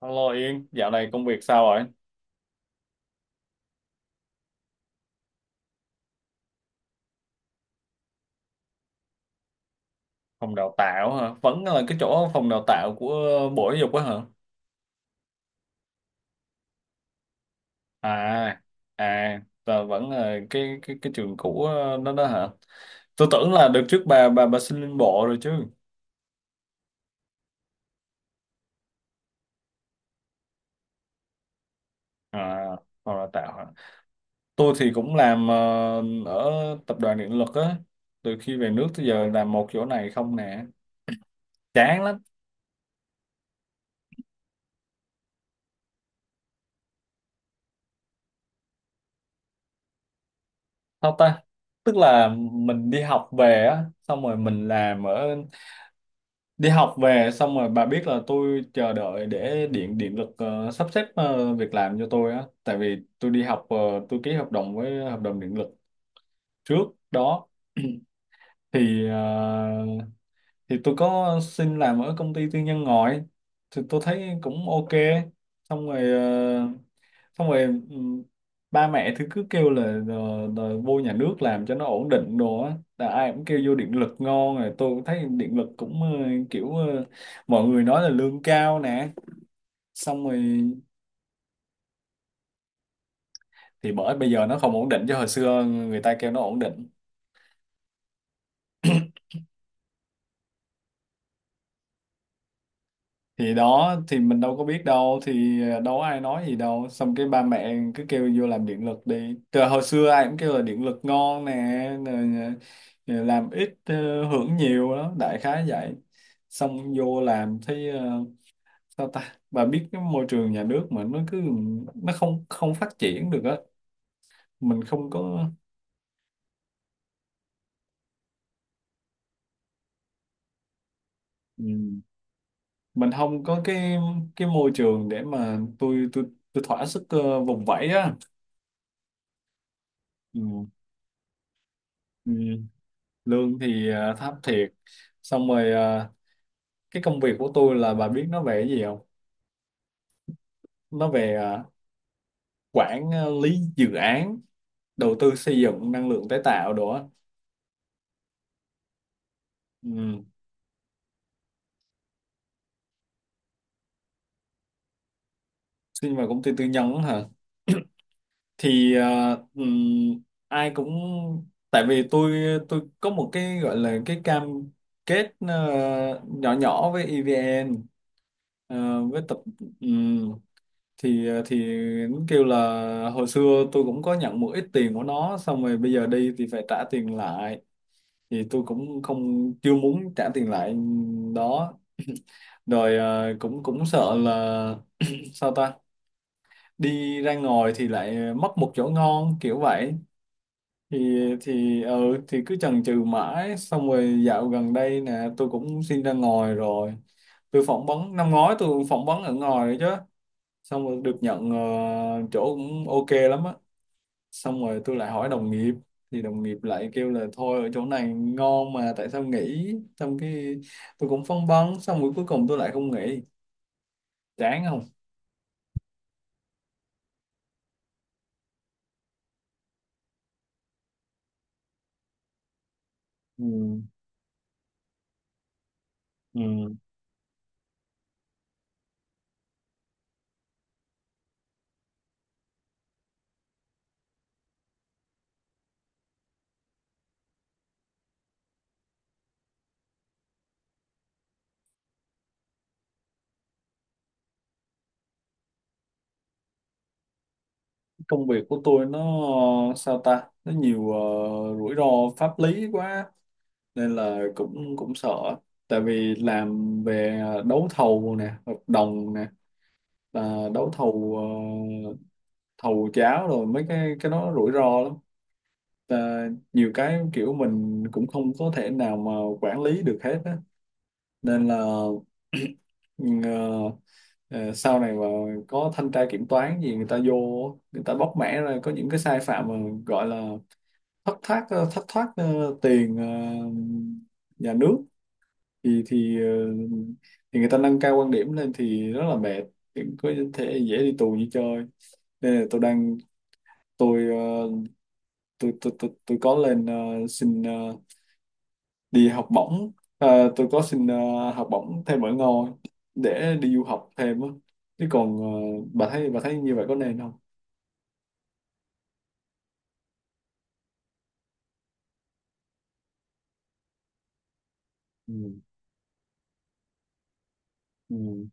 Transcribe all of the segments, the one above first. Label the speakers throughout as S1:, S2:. S1: Alo Yên, dạo này công việc sao rồi? Phòng đào tạo hả? Vẫn là cái chỗ phòng đào tạo của Bộ Giáo dục á hả? À, à, và vẫn là cái trường cũ đó đó hả? Tôi tưởng là đợt trước bà xin lên bộ rồi chứ. À, phòng đào tạo hả? Tôi thì cũng làm ở tập đoàn điện lực á. Từ khi về nước tới giờ làm một chỗ này không nè. Chán lắm. Sao ta? Tức là mình đi học về á, xong rồi mình làm ở đi học về xong rồi bà biết là tôi chờ đợi để điện điện lực sắp xếp việc làm cho tôi á, tại vì tôi đi học tôi ký hợp đồng với hợp đồng điện lực trước đó thì ờ, thì tôi có xin làm ở công ty tư nhân ngoài, thì tôi thấy cũng ok, xong rồi xong rồi ừ, ba mẹ thì cứ kêu là đòi vô nhà nước làm cho nó ổn định đồ á, là ai cũng kêu vô điện lực ngon, rồi tôi cũng thấy điện lực cũng kiểu mọi người nói là lương cao nè, xong rồi thì bởi bây giờ nó không ổn định chứ hồi xưa người ta kêu nó ổn định, thì đó thì mình đâu có biết đâu, thì đâu có ai nói gì đâu, xong cái ba mẹ cứ kêu vô làm điện lực đi, từ hồi xưa ai cũng kêu là điện lực ngon nè, rồi, làm ít hưởng nhiều đó, đại khái vậy. Xong vô làm thấy sao ta, bà biết cái môi trường nhà nước mà nó cứ nó không không phát triển được á, mình không có, ừ, mình không có cái môi trường để mà tôi tôi thỏa sức vùng vẫy á. Ừ. Lương thì thấp thiệt. Xong rồi cái công việc của tôi là bà biết nó về cái gì không? Nó về quản lý dự án đầu tư xây dựng năng lượng tái tạo đồ á. Ừ. Xin vào công ty tư nhân á hả, thì ai cũng, tại vì tôi có một cái gọi là cái cam kết nhỏ nhỏ với EVN với tập, ừ, thì nó kêu là hồi xưa tôi cũng có nhận một ít tiền của nó, xong rồi bây giờ đi thì phải trả tiền lại, thì tôi cũng không, chưa muốn trả tiền lại, đó. Rồi à, cũng cũng sợ là sao ta, đi ra ngoài thì lại mất một chỗ ngon kiểu vậy, thì thì ừ thì cứ chần chừ mãi, xong rồi dạo gần đây nè tôi cũng xin ra ngoài rồi, tôi phỏng vấn năm ngoái, tôi phỏng vấn ở ngoài đấy chứ, xong rồi được nhận chỗ cũng ok lắm á, xong rồi tôi lại hỏi đồng nghiệp, thì đồng nghiệp lại kêu là thôi ở chỗ này ngon mà tại sao nghỉ, xong cái tôi cũng phân vân, xong rồi cuối cùng tôi lại không nghỉ, chán không. Ừ. Ừ. Công việc của tôi nó sao ta, nó nhiều rủi ro pháp lý quá, nên là cũng cũng sợ, tại vì làm về đấu thầu nè, hợp đồng nè, à, đấu thầu ờ, thầu cháo, rồi mấy cái đó rủi ro lắm. Và nhiều cái kiểu mình cũng không có thể nào mà quản lý được hết á, nên là ờ, sau này mà có thanh tra kiểm toán gì người ta vô, người ta bóc mẽ ra có những cái sai phạm mà gọi là thất thoát tiền nhà nước, thì thì ờ, thì người ta nâng cao quan điểm lên thì rất là mệt, thì có thể dễ đi tù như chơi, nên là tôi đang, tôi ờ, tôi có lên xin đi học bổng. Ờ, tôi có xin học bổng thêm ở ngôi để đi du học thêm á, chứ còn bà thấy như vậy có nên không? Ừ. Ừ.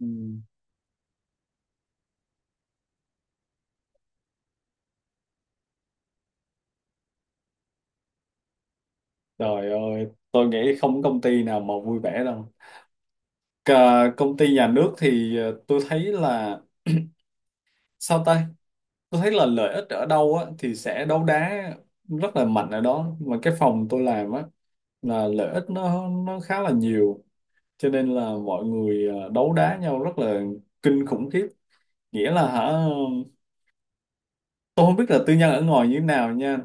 S1: Ừ. Trời ơi tôi nghĩ không có công ty nào mà vui vẻ đâu. Cả công ty nhà nước thì tôi thấy là sao ta, tôi thấy là lợi ích ở đâu á thì sẽ đấu đá rất là mạnh ở đó, mà cái phòng tôi làm á là lợi ích nó khá là nhiều, cho nên là mọi người đấu đá nhau rất là kinh khủng khiếp, nghĩa là hả, tôi không biết là tư nhân ở ngoài như thế nào nha,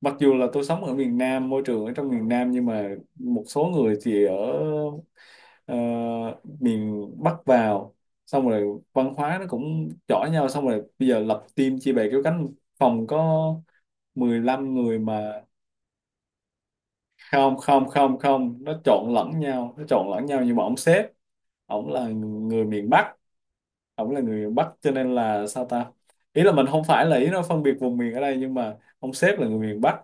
S1: mặc dù là tôi sống ở miền Nam, môi trường ở trong miền Nam nhưng mà một số người thì ở ờ, miền Bắc vào, xong rồi văn hóa nó cũng chỏ nhau, xong rồi bây giờ lập team chia bè kéo cánh, phòng có 15 người mà không không không không, nó trộn lẫn nhau, nó trộn lẫn nhau nhưng mà ông sếp, ổng là người miền Bắc, ổng là người Bắc, cho nên là sao ta, ý là mình không phải là ý nó phân biệt vùng miền ở đây, nhưng mà ông sếp là người miền Bắc,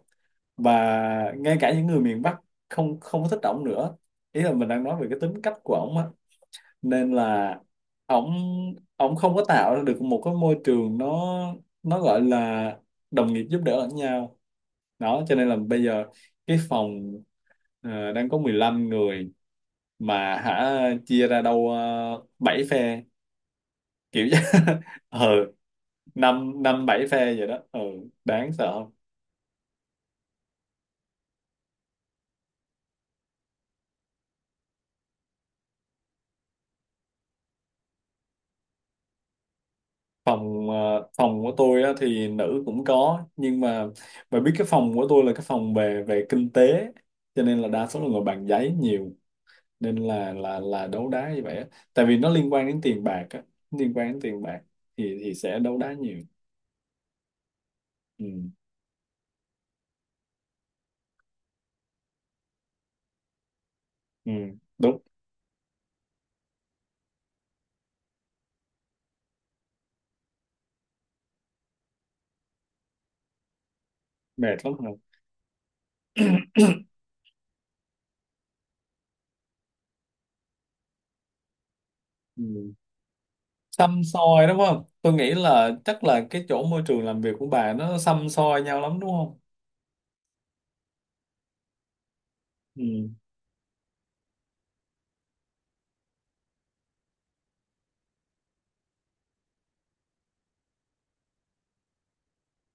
S1: và ngay cả những người miền Bắc không không có thích ổng nữa, ý là mình đang nói về cái tính cách của ổng á, nên là ổng ổng không có tạo ra được một cái môi trường nó gọi là đồng nghiệp giúp đỡ lẫn nhau đó, cho nên là bây giờ cái phòng đang có 15 người mà hả, chia ra đâu 7 phe kiểu vậy. Ừ, năm năm bảy phe vậy đó, ừ, đáng sợ không. Phòng phòng của tôi á, thì nữ cũng có, nhưng mà bà biết cái phòng của tôi là cái phòng về về kinh tế, cho nên là đa số là ngồi bàn giấy nhiều, nên là là đấu đá như vậy á. Tại vì nó liên quan đến tiền bạc á, liên quan đến tiền bạc thì sẽ đấu đá nhiều, ừ, ừ, đúng, mệt lắm hả. Ừ. Xăm soi đúng không, tôi nghĩ là chắc là cái chỗ môi trường làm việc của bà nó xăm soi nhau lắm đúng không, ừ,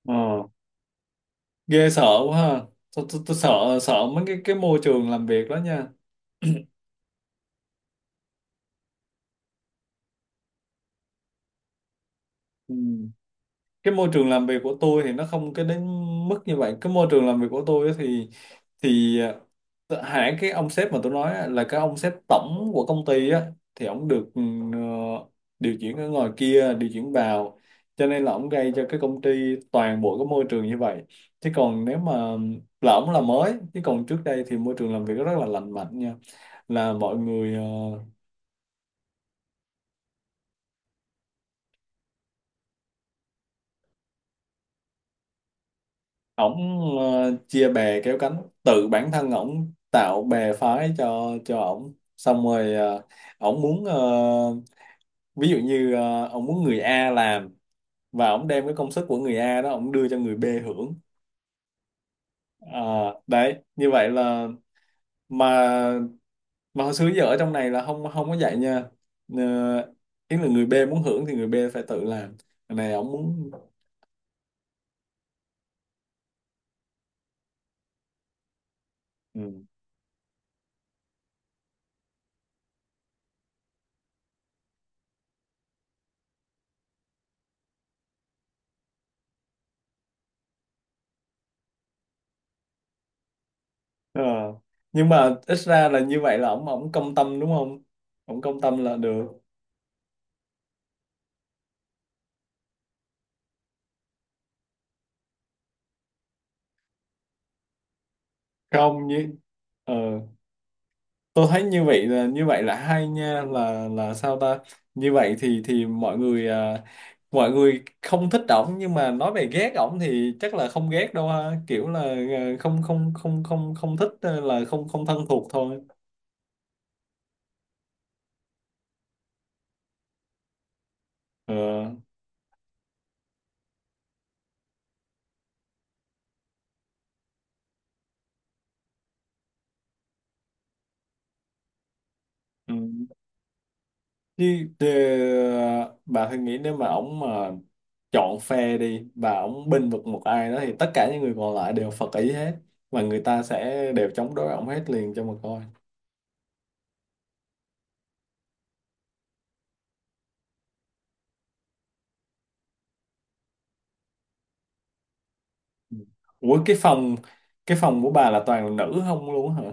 S1: ờ, ghê sợ quá ha, tôi sợ, sợ mấy cái môi trường làm việc đó nha. Ừ. Cái môi trường làm việc của tôi thì nó không cái đến mức như vậy, cái môi trường làm việc của tôi á thì, thì hãng cái ông sếp mà tôi nói á, là cái ông sếp tổng của công ty á, thì ông được ừ, ờ, điều chuyển ở ngoài kia điều chuyển vào, cho nên là ông gây cho cái công ty toàn bộ cái môi trường như vậy, chứ còn nếu mà, là ổng là mới, chứ còn trước đây thì môi trường làm việc rất là lành mạnh nha, là mọi người ổng chia bè kéo cánh, tự bản thân ổng tạo bè phái cho ổng, xong rồi ổng muốn ví dụ như ổng muốn người A làm, và ổng đem cái công sức của người A đó ổng đưa cho người B hưởng. Ờ, đấy như vậy là, mà mà hồi xưa giờ ở trong này là không không có vậy nha, uh, ý là người B muốn hưởng thì người B phải tự làm. Cái này ổng muốn. Ừ. Ờ. Nhưng mà ít ra là như vậy là ổng ổng công tâm đúng không? Ổng công tâm là được. Không như ờ, tôi thấy như vậy là, như vậy là hay nha, là sao ta? Như vậy thì mọi người à, mọi người không thích ổng nhưng mà nói về ghét ổng thì chắc là không ghét đâu ha, kiểu là à, không không không không không thích, là không không thân thuộc thôi. Ờ. Ừ. Như bà thử nghĩ nếu mà ổng mà chọn phe đi và ổng bênh vực một ai đó, thì tất cả những người còn lại đều phật ý hết, và người ta sẽ đều chống đối ổng hết liền cho mà coi. Ừ. Ủa cái phòng, cái phòng của bà là toàn nữ không luôn hả?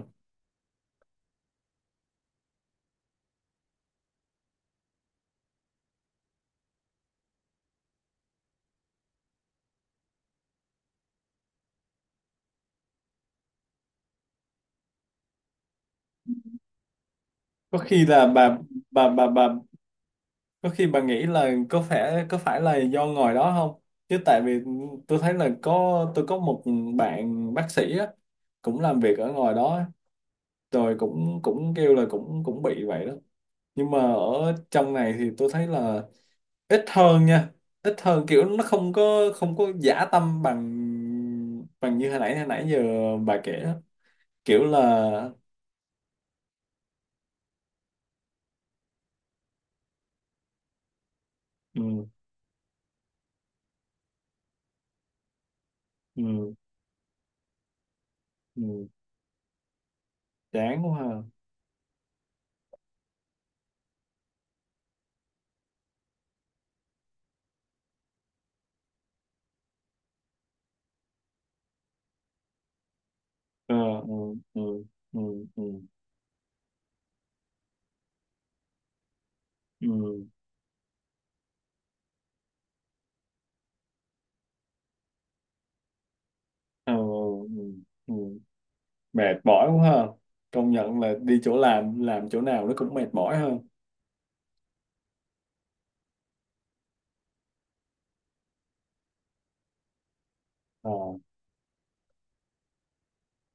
S1: Có khi là bà, bà có khi bà nghĩ là có phải, có phải là do ngồi đó không? Chứ tại vì tôi thấy là có, tôi có một bạn bác sĩ á cũng làm việc ở ngoài đó á, rồi cũng cũng kêu là cũng cũng bị vậy đó, nhưng mà ở trong này thì tôi thấy là ít hơn nha, ít hơn, kiểu nó không có, không có dã tâm bằng, bằng như hồi nãy giờ bà kể đó, kiểu là ừ, ừ, ừ, chán quá ha, ờ, ừ, ừ, ừ, ừ, ừ, ờ, ừ, ừ, mệt mỏi quá ha, công nhận là đi chỗ làm chỗ nào nó cũng mệt mỏi hơn, ờ,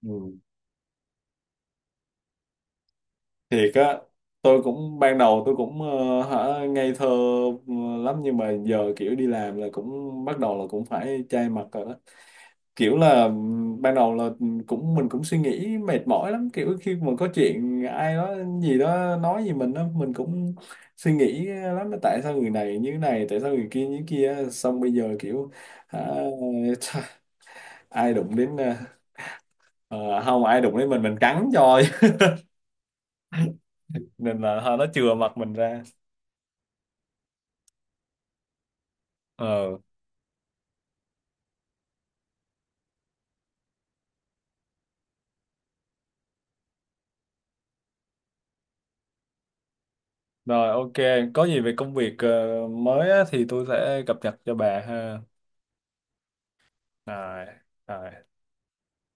S1: ừ. Thiệt á, tôi cũng ban đầu tôi cũng hả ngây thơ, ừ, lắm nhưng mà giờ kiểu đi làm là cũng bắt đầu là cũng phải chai mặt rồi đó, kiểu là ban đầu là ừ, cũng mình cũng suy nghĩ mệt mỏi lắm, kiểu khi mà có chuyện ai đó gì đó nói gì mình á, mình cũng suy nghĩ lắm là tại sao người này như này, tại sao người kia như kia, xong bây giờ kiểu hả, ai đụng đến ờ, không ai đụng đến mình cắn cho, nên là thôi, nó chừa mặt mình ra, ờ. Rồi ok, có gì về công việc mới á, thì tôi sẽ cập nhật cho bà ha. Rồi, rồi.